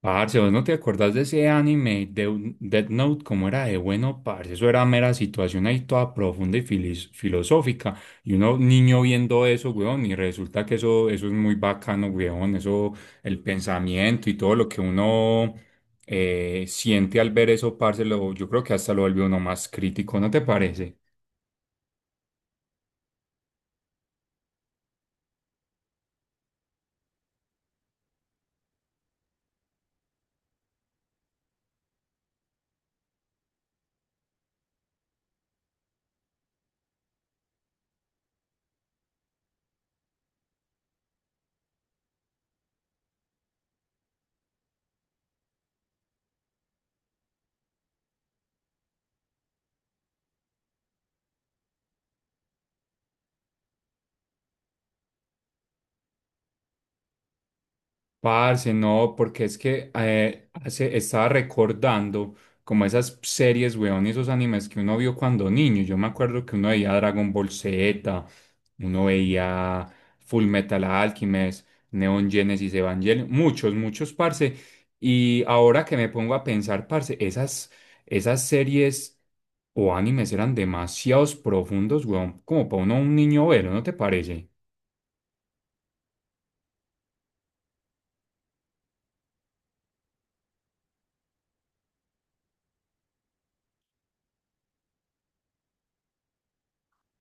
Parce, ¿vos no te acordás de ese anime de Death Note? ¿Cómo era de bueno, parce? Eso era mera situación ahí toda profunda y filosófica. Y uno niño viendo eso, weón, y resulta que eso es muy bacano, weón. Eso, el pensamiento y todo lo que uno siente al ver eso, parce, yo creo que hasta lo vuelve uno más crítico, ¿no te parece? Parce, no, porque es que hace, estaba recordando como esas series, weón, y esos animes que uno vio cuando niño. Yo me acuerdo que uno veía Dragon Ball Z, uno veía Full Metal Alchemist, Neon Genesis Evangelion, muchos, muchos, parce. Y ahora que me pongo a pensar, parce, esas series o animes eran demasiados profundos, weón, como para uno un niño verlo, ¿no te parece?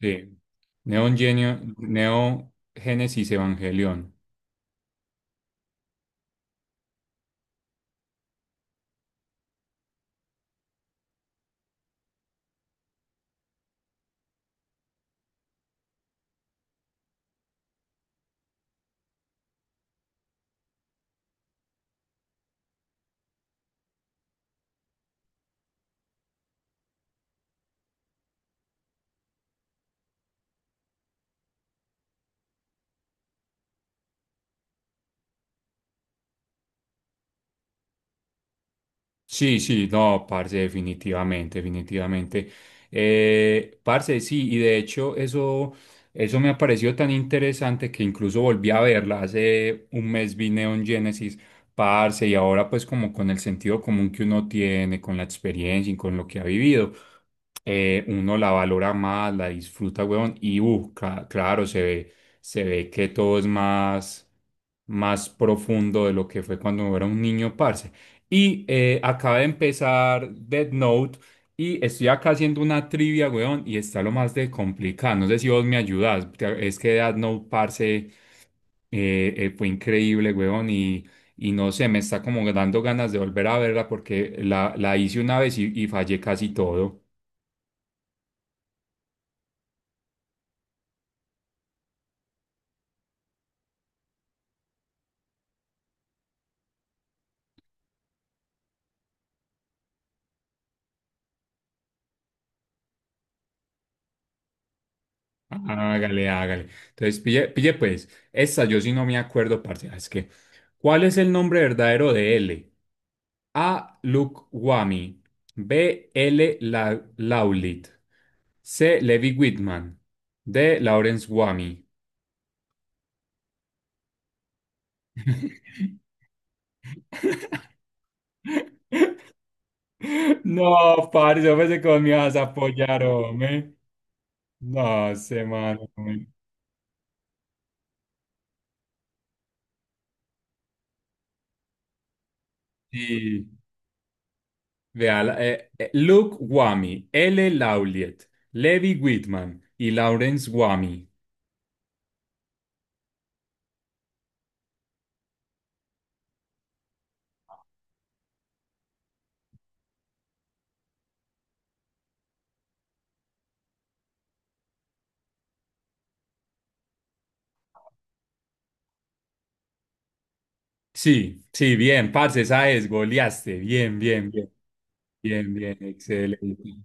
Sí. Neo Génesis Evangelion. Sí, sí, no, parce, definitivamente, definitivamente. Parce, sí, y de hecho eso me ha parecido tan interesante que incluso volví a verla. Hace un mes vi Neon Genesis, parce, y ahora pues como con el sentido común que uno tiene, con la experiencia y con lo que ha vivido, uno la valora más, la disfruta, weón, y claro, se ve que todo es más, más profundo de lo que fue cuando era un niño, parce. Y acaba de empezar Dead Note y estoy acá haciendo una trivia, weón, y está lo más de complicado. No sé si vos me ayudas. Es que Dead Note, parce, fue increíble, weón, y no sé, me está como dando ganas de volver a verla porque la hice una vez y fallé casi todo. Hágale, hágale. Entonces, pille, pille pues, esta yo sí no me acuerdo, parce. Es que, ¿cuál es el nombre verdadero de L? A. Lukwami. B. L. Laulit. C. Levi Whitman. D. Lawrence Wamy. No, parce, yo pensé que vos me ibas a apoyar, hombre. No sé, mano. Hombre. Sí. Vea, Luke Wamy, L. Lauliet, Levi Whitman y Lawrence Wamy. Sí, sí, bien, parce, esa es, goleaste. Bien, bien, bien, bien, bien, excelente.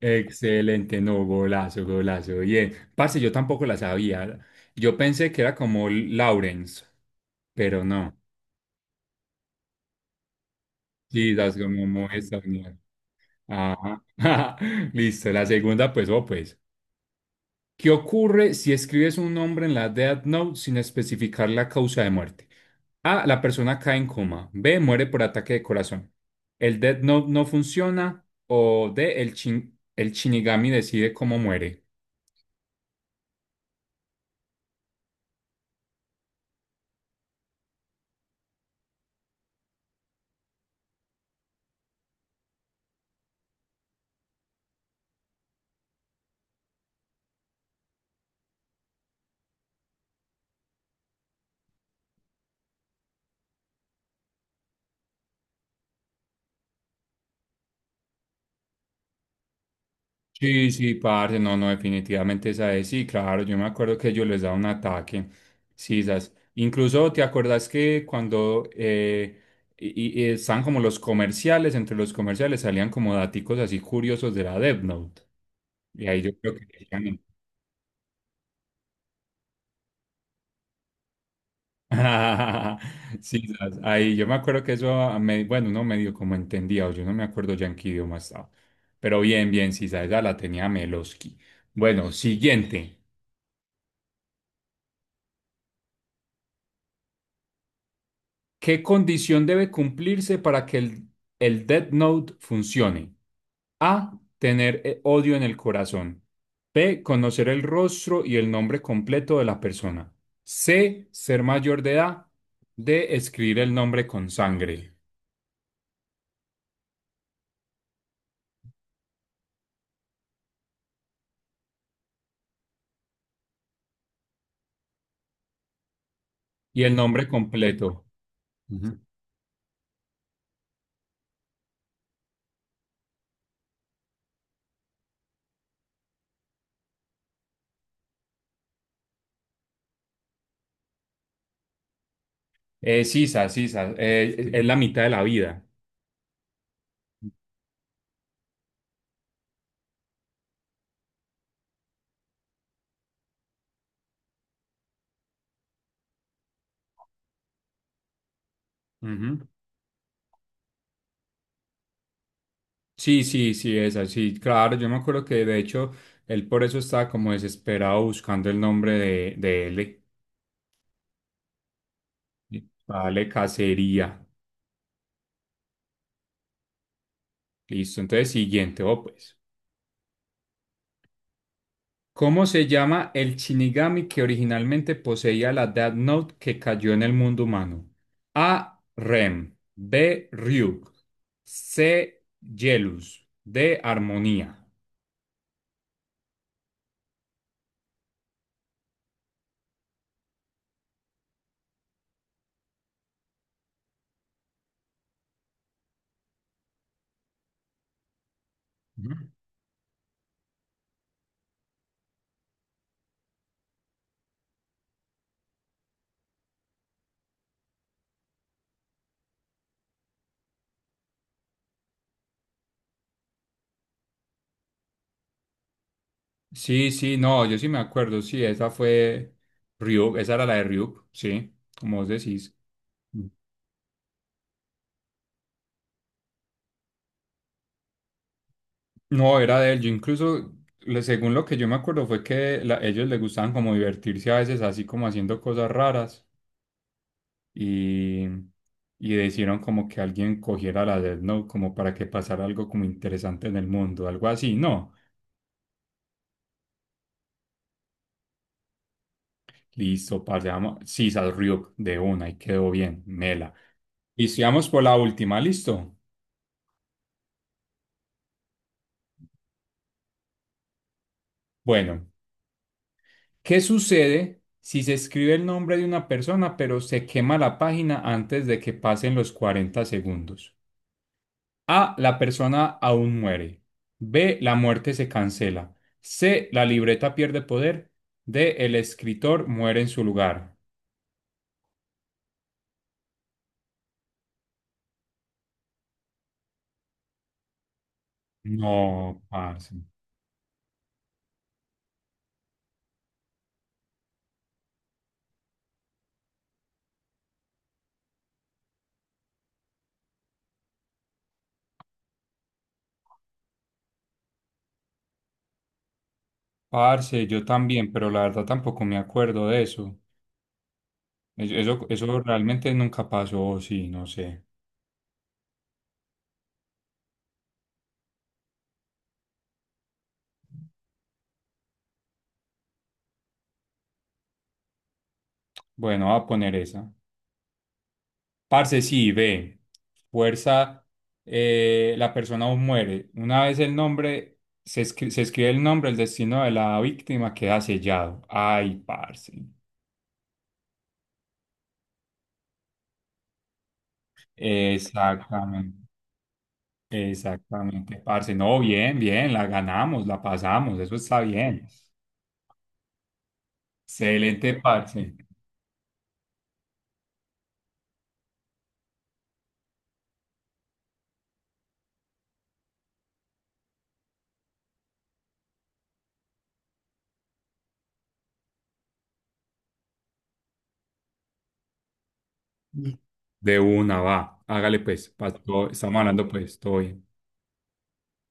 Excelente, no, golazo, golazo. Bien, parce, yo tampoco la sabía. Yo pensé que era como Lawrence, pero no. Sí, das como muy estadounidense. Ajá. Listo, la segunda, pues, oh, pues. ¿Qué ocurre si escribes un nombre en la Death Note sin especificar la causa de muerte? A, la persona cae en coma. B, muere por ataque de corazón. El Death Note no funciona. O D, el Shinigami decide cómo muere. Sí, sí, parce, no, no, definitivamente esa es, sí, claro, yo me acuerdo que yo les daba un ataque, sí, esas, incluso te acuerdas que cuando y están como los comerciales, entre los comerciales salían como daticos así curiosos de la Death Note, y ahí yo creo que querían- sí, esas, ahí yo me acuerdo que eso, bueno, no medio como entendía, o yo no me acuerdo ya en qué idioma estaba, pero bien, bien, sí, esa la tenía Meloski. Bueno, siguiente. ¿Qué condición debe cumplirse para que el Death Note funcione? A. Tener odio en el corazón. B. Conocer el rostro y el nombre completo de la persona. C. Ser mayor de edad. D. Escribir el nombre con sangre y el nombre completo. Ujú. Sisa, Sisa, sí. Es la mitad de la vida. Ujú. Sí, sí, sí, es así. Claro, yo me acuerdo que de hecho él por eso estaba como desesperado buscando el nombre de él. Vale, cacería. Listo. Entonces, siguiente. Oh, pues. ¿Cómo se llama el Shinigami que originalmente poseía la Death Note que cayó en el mundo humano? A. Rem. B. Ryuk. C. Yelus. D. Armonía. Ujú. Sí, sí, no, yo sí me acuerdo. Sí, esa fue Ryuk. Esa era la de Ryuk. Sí, como vos decís. No, era de él. Yo incluso, según lo que yo me acuerdo, fue que ellos les gustaban como divertirse a veces así como haciendo cosas raras y, y decidieron como que alguien cogiera la Death Note como para que pasara algo como interesante en el mundo, algo así. No, listo, pasamos. Sisas Ryuk de una y quedó bien, mela. Listo, y vamos por la última, listo. Bueno, ¿qué sucede si se escribe el nombre de una persona pero se quema la página antes de que pasen los 40 segundos? A. La persona aún muere. B. La muerte se cancela. C. La libreta pierde poder. D. El escritor muere en su lugar. No, parce. Parce, yo también, pero la verdad tampoco me acuerdo de eso. Eso realmente nunca pasó, o sí, no sé. Bueno, voy a poner esa. Parce, sí, ve, fuerza, la persona aún muere. Una vez el nombre, se escribe el nombre, el destino de la víctima queda sellado. Ay, parce. Exactamente, exactamente, parce. No, bien, bien, la ganamos, la pasamos, eso está bien. Excelente, parce. De una, va, hágale pues, estamos hablando pues, todo bien.